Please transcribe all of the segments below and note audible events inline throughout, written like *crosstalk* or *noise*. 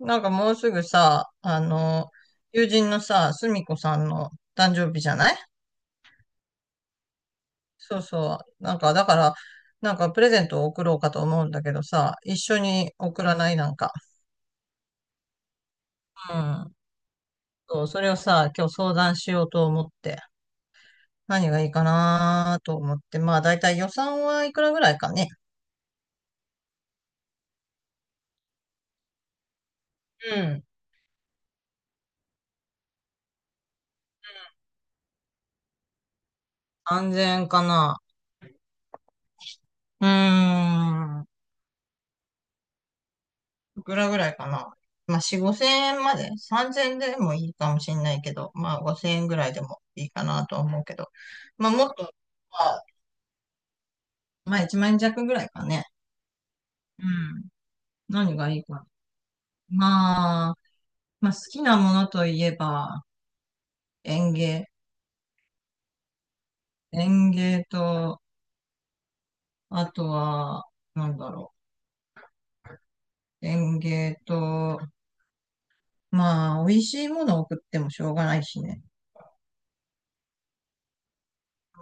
なんかもうすぐさ、友人のさ、すみこさんの誕生日じゃない？そうそう。なんか、だから、なんかプレゼントを送ろうかと思うんだけどさ、一緒に送らない？なんか。うん。そう、それをさ、今日相談しようと思って、何がいいかなと思って、まあ、だいたい予算はいくらぐらいかね？うん。安全かな。うーん。いくらぐらいかな。まあ、4、5千円まで、3000円でもいいかもしれないけど、まあ、5000円ぐらいでもいいかなと思うけど、まあ、もっと、あ、まあ、1万円弱ぐらいかね。うん。何がいいかな。まあ、まあ、好きなものといえば、園芸。園芸と、あとは、なんだろう。園芸と、まあ、美味しいものを送ってもしょうがないしね。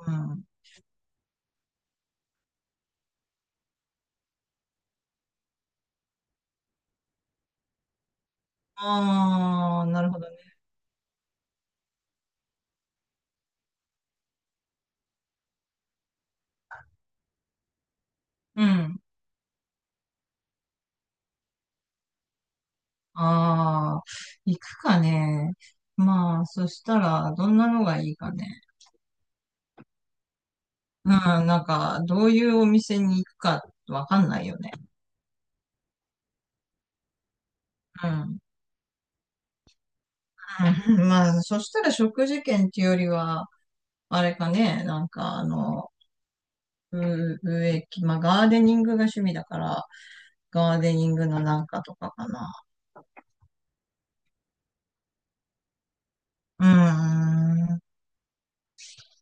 うん。ああ、なるほどね。うん。ああ、行くかね。まあ、そしたら、どんなのがいいかね？うん、なんか、どういうお店に行くかわかんないよね。うん。うん。 *laughs* まあ、そしたら食事券っていうよりは、あれかね、なんかあの、植木、まあ、ガーデニングが趣味だから、ガーデニングのなんかとかかな。うーん、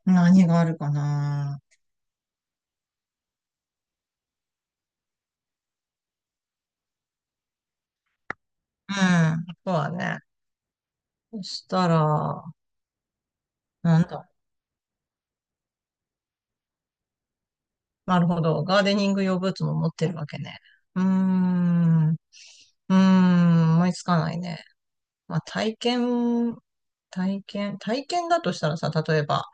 何があるかな。うん、そうだね。そしたら、なんだなるほど。ガーデニング用ブーツも持ってるわけね。うーん。うーん。思いつかないね。まあ、体験だとしたらさ、例えば、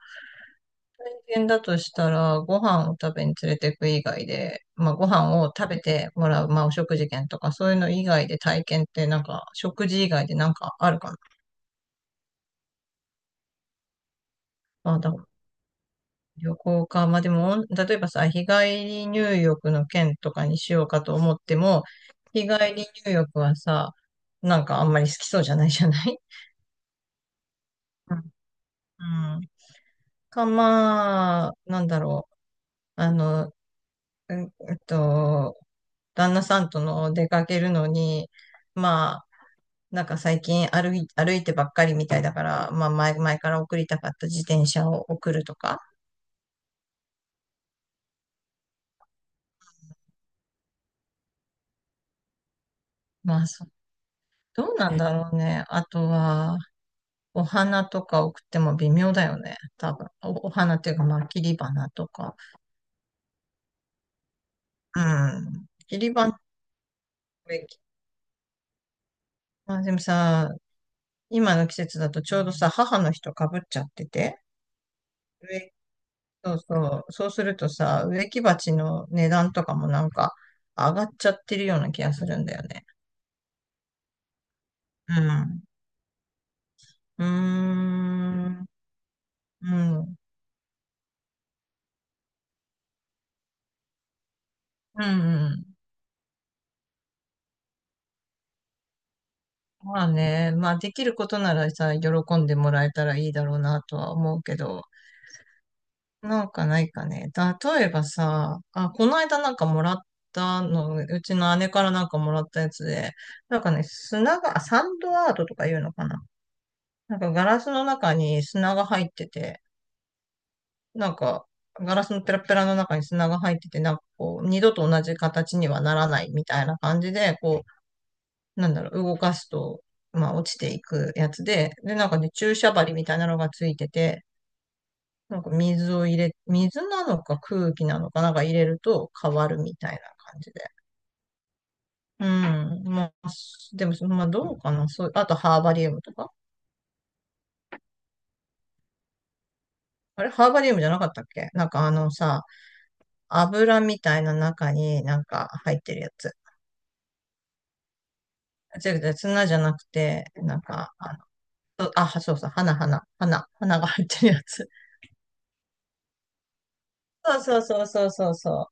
体験だとしたら、ご飯を食べに連れてく以外で、まあ、ご飯を食べてもらう、まあ、お食事券とか、そういうの以外で体験って、なんか、食事以外でなんかあるかな。まあ、旅行か。まあでも、例えばさ、日帰り入浴の件とかにしようかと思っても、日帰り入浴はさ、なんかあんまり好きそうじゃないじゃない？うんうん。まあ、なんだろう。あの、うんえっと、旦那さんとの出かけるのに、まあ、なんか最近歩いてばっかりみたいだから、まあ前から送りたかった自転車を送るとか。まあ、そう、どうなんだろうね。あとは、お花とか送っても微妙だよね。多分。お花っていうか、まあ、切り花とか。うん。切り花、植木まあ、でもさ、今の季節だとちょうどさ、母の日とかぶっちゃってて。植木、そうそう。そうするとさ、植木鉢の値段とかもなんか上がっちゃってるような気がするんだよね。うん。うーん。うん。うん。うん、まあね、まあできることならさ、喜んでもらえたらいいだろうなとは思うけど。なんかないかね。例えばさ、あ、この間なんかもらったの、うちの姉からなんかもらったやつで、なんかね、あ、サンドアートとか言うのかな。なんかガラスの中に砂が入ってて、なんかガラスのペラペラの中に砂が入ってて、なんかこう、二度と同じ形にはならないみたいな感じで、こう、なんだろう、動かすと、まあ落ちていくやつで、で、なんかね、注射針みたいなのがついてて、なんか水を入れ、水なのか空気なのかなんか入れると変わるみたいな感じで。うん。まあ、でも、まあどうかな。そう、あとハーバリウムとか。あれ、ハーバリウムじゃなかったっけ？なんかあのさ、油みたいな中になんか入ってるやつ。違う違う、砂じゃなくて、なんか、あ、そう、そうそう、花、花、花、花が入ってるやつ。*laughs* そうそうそうそうそうそ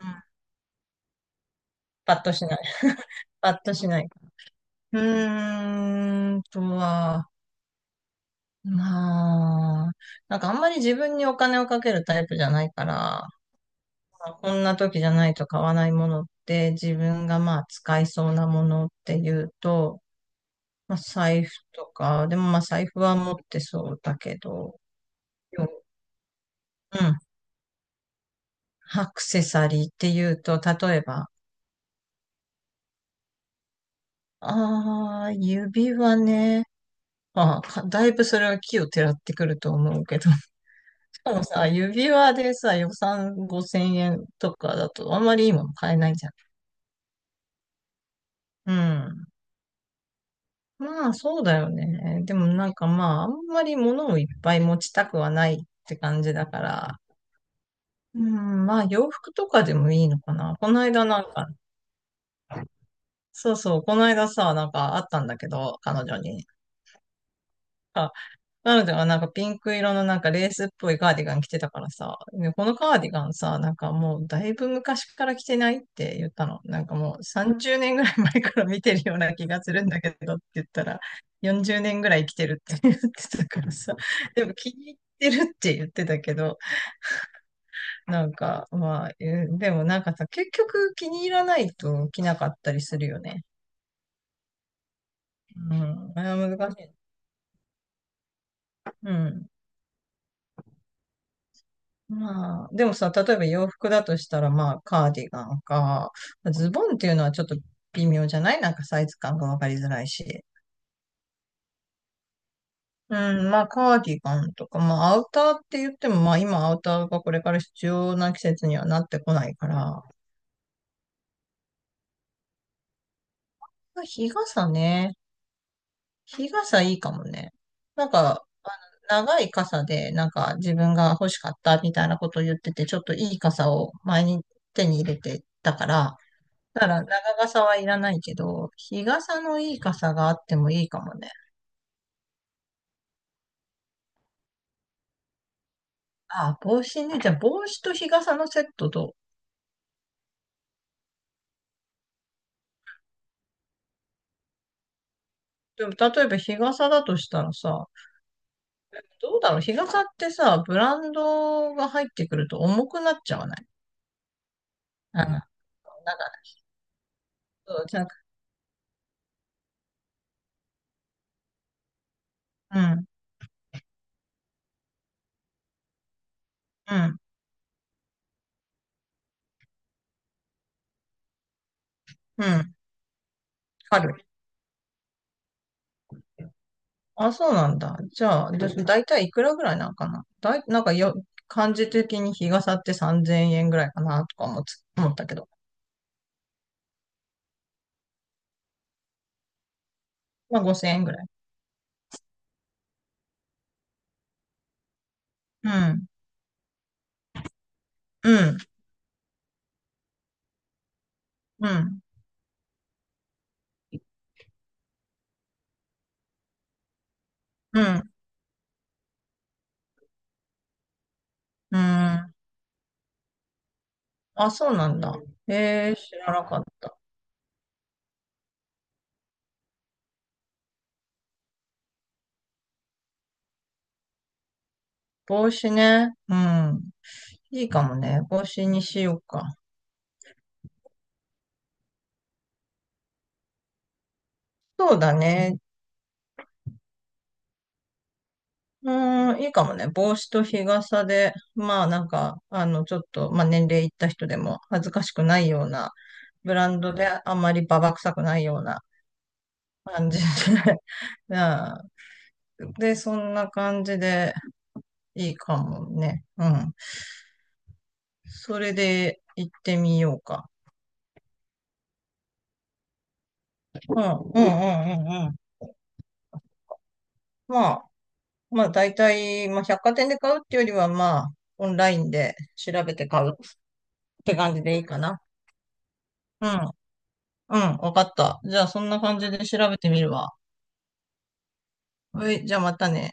う。うん。パッとしない。パッとしない。うーんとは、まあ、なんかあんまり自分にお金をかけるタイプじゃないから、まあこんな時じゃないと買わないものって自分がまあ使いそうなものっていうと、まあ財布とか、でもまあ財布は持ってそうだけど、ようん、アクセサリーっていうと、例えば、ああ、指輪ね。まあ、だいぶそれは木をてらってくると思うけど。*laughs* しかもさ、指輪でさ、予算5000円とかだとあんまりいいもの買えないじゃん。うん。まあ、そうだよね。でもなんかまあ、あんまり物をいっぱい持ちたくはないって感じだから。うん、まあ、洋服とかでもいいのかな。この間なんか、そうそう、この間さ、なんかあったんだけど、彼女に。なので、なんかピンク色のなんかレースっぽいカーディガン着てたからさ、ね、このカーディガンさ、なんかもうだいぶ昔から着てないって言ったの。なんかもう30年ぐらい前から見てるような気がするんだけどって言ったら、40年ぐらい着てるって言ってたからさ、*laughs* でも気に入ってるって言ってたけど、なんかまあ、でもなんかさ、結局気に入らないと着なかったりするよね。うん、あれは難しい。うん。まあ、でもさ、例えば洋服だとしたら、まあ、カーディガンか、ズボンっていうのはちょっと微妙じゃない？なんかサイズ感がわかりづらいし。うん、まあ、カーディガンとか、まあ、アウターって言っても、まあ、今アウターがこれから必要な季節にはなってこないから、まあ、日傘ね。日傘いいかもね。なんか、長い傘で、なんか自分が欲しかったみたいなことを言ってて、ちょっといい傘を前に手に入れてたから、だから長傘はいらないけど、日傘のいい傘があってもいいかもね。あ、帽子ね。じゃあ帽子と日傘のセットと。でも例えば日傘だとしたらさ、どうだろう日傘ってさ、ブランドが入ってくると重くなっちゃわない？なんか、そう、じゃあ、うん、うん、うん、軽い。あ、そうなんだ。じゃあ、だいたいいくらぐらいなんかなだい、なんかよ、感じ的に日傘って3000円ぐらいかなとか思ったけど。まあ5000円ぐらい。うん、うん、うん、うん、うん。あ、そうなんだ。えー、知らなかった。帽子ね。うん。いいかもね。帽子にしようか。そうだね。うん、いいかもね。帽子と日傘で、まあなんか、ちょっと、まあ年齢いった人でも恥ずかしくないような、ブランドであんまりババ臭くないような感じで、*laughs* なあで、そんな感じでいいかもね。うん。それで行ってみようか。うん、うん、うん、うん。うん、まあ、まあ、大体、まあ、百貨店で買うっていうよりは、まあ、オンラインで調べて買うって感じでいいかな。うん、うん、わかった。じゃあ、そんな感じで調べてみるわ。はい、じゃあまたね。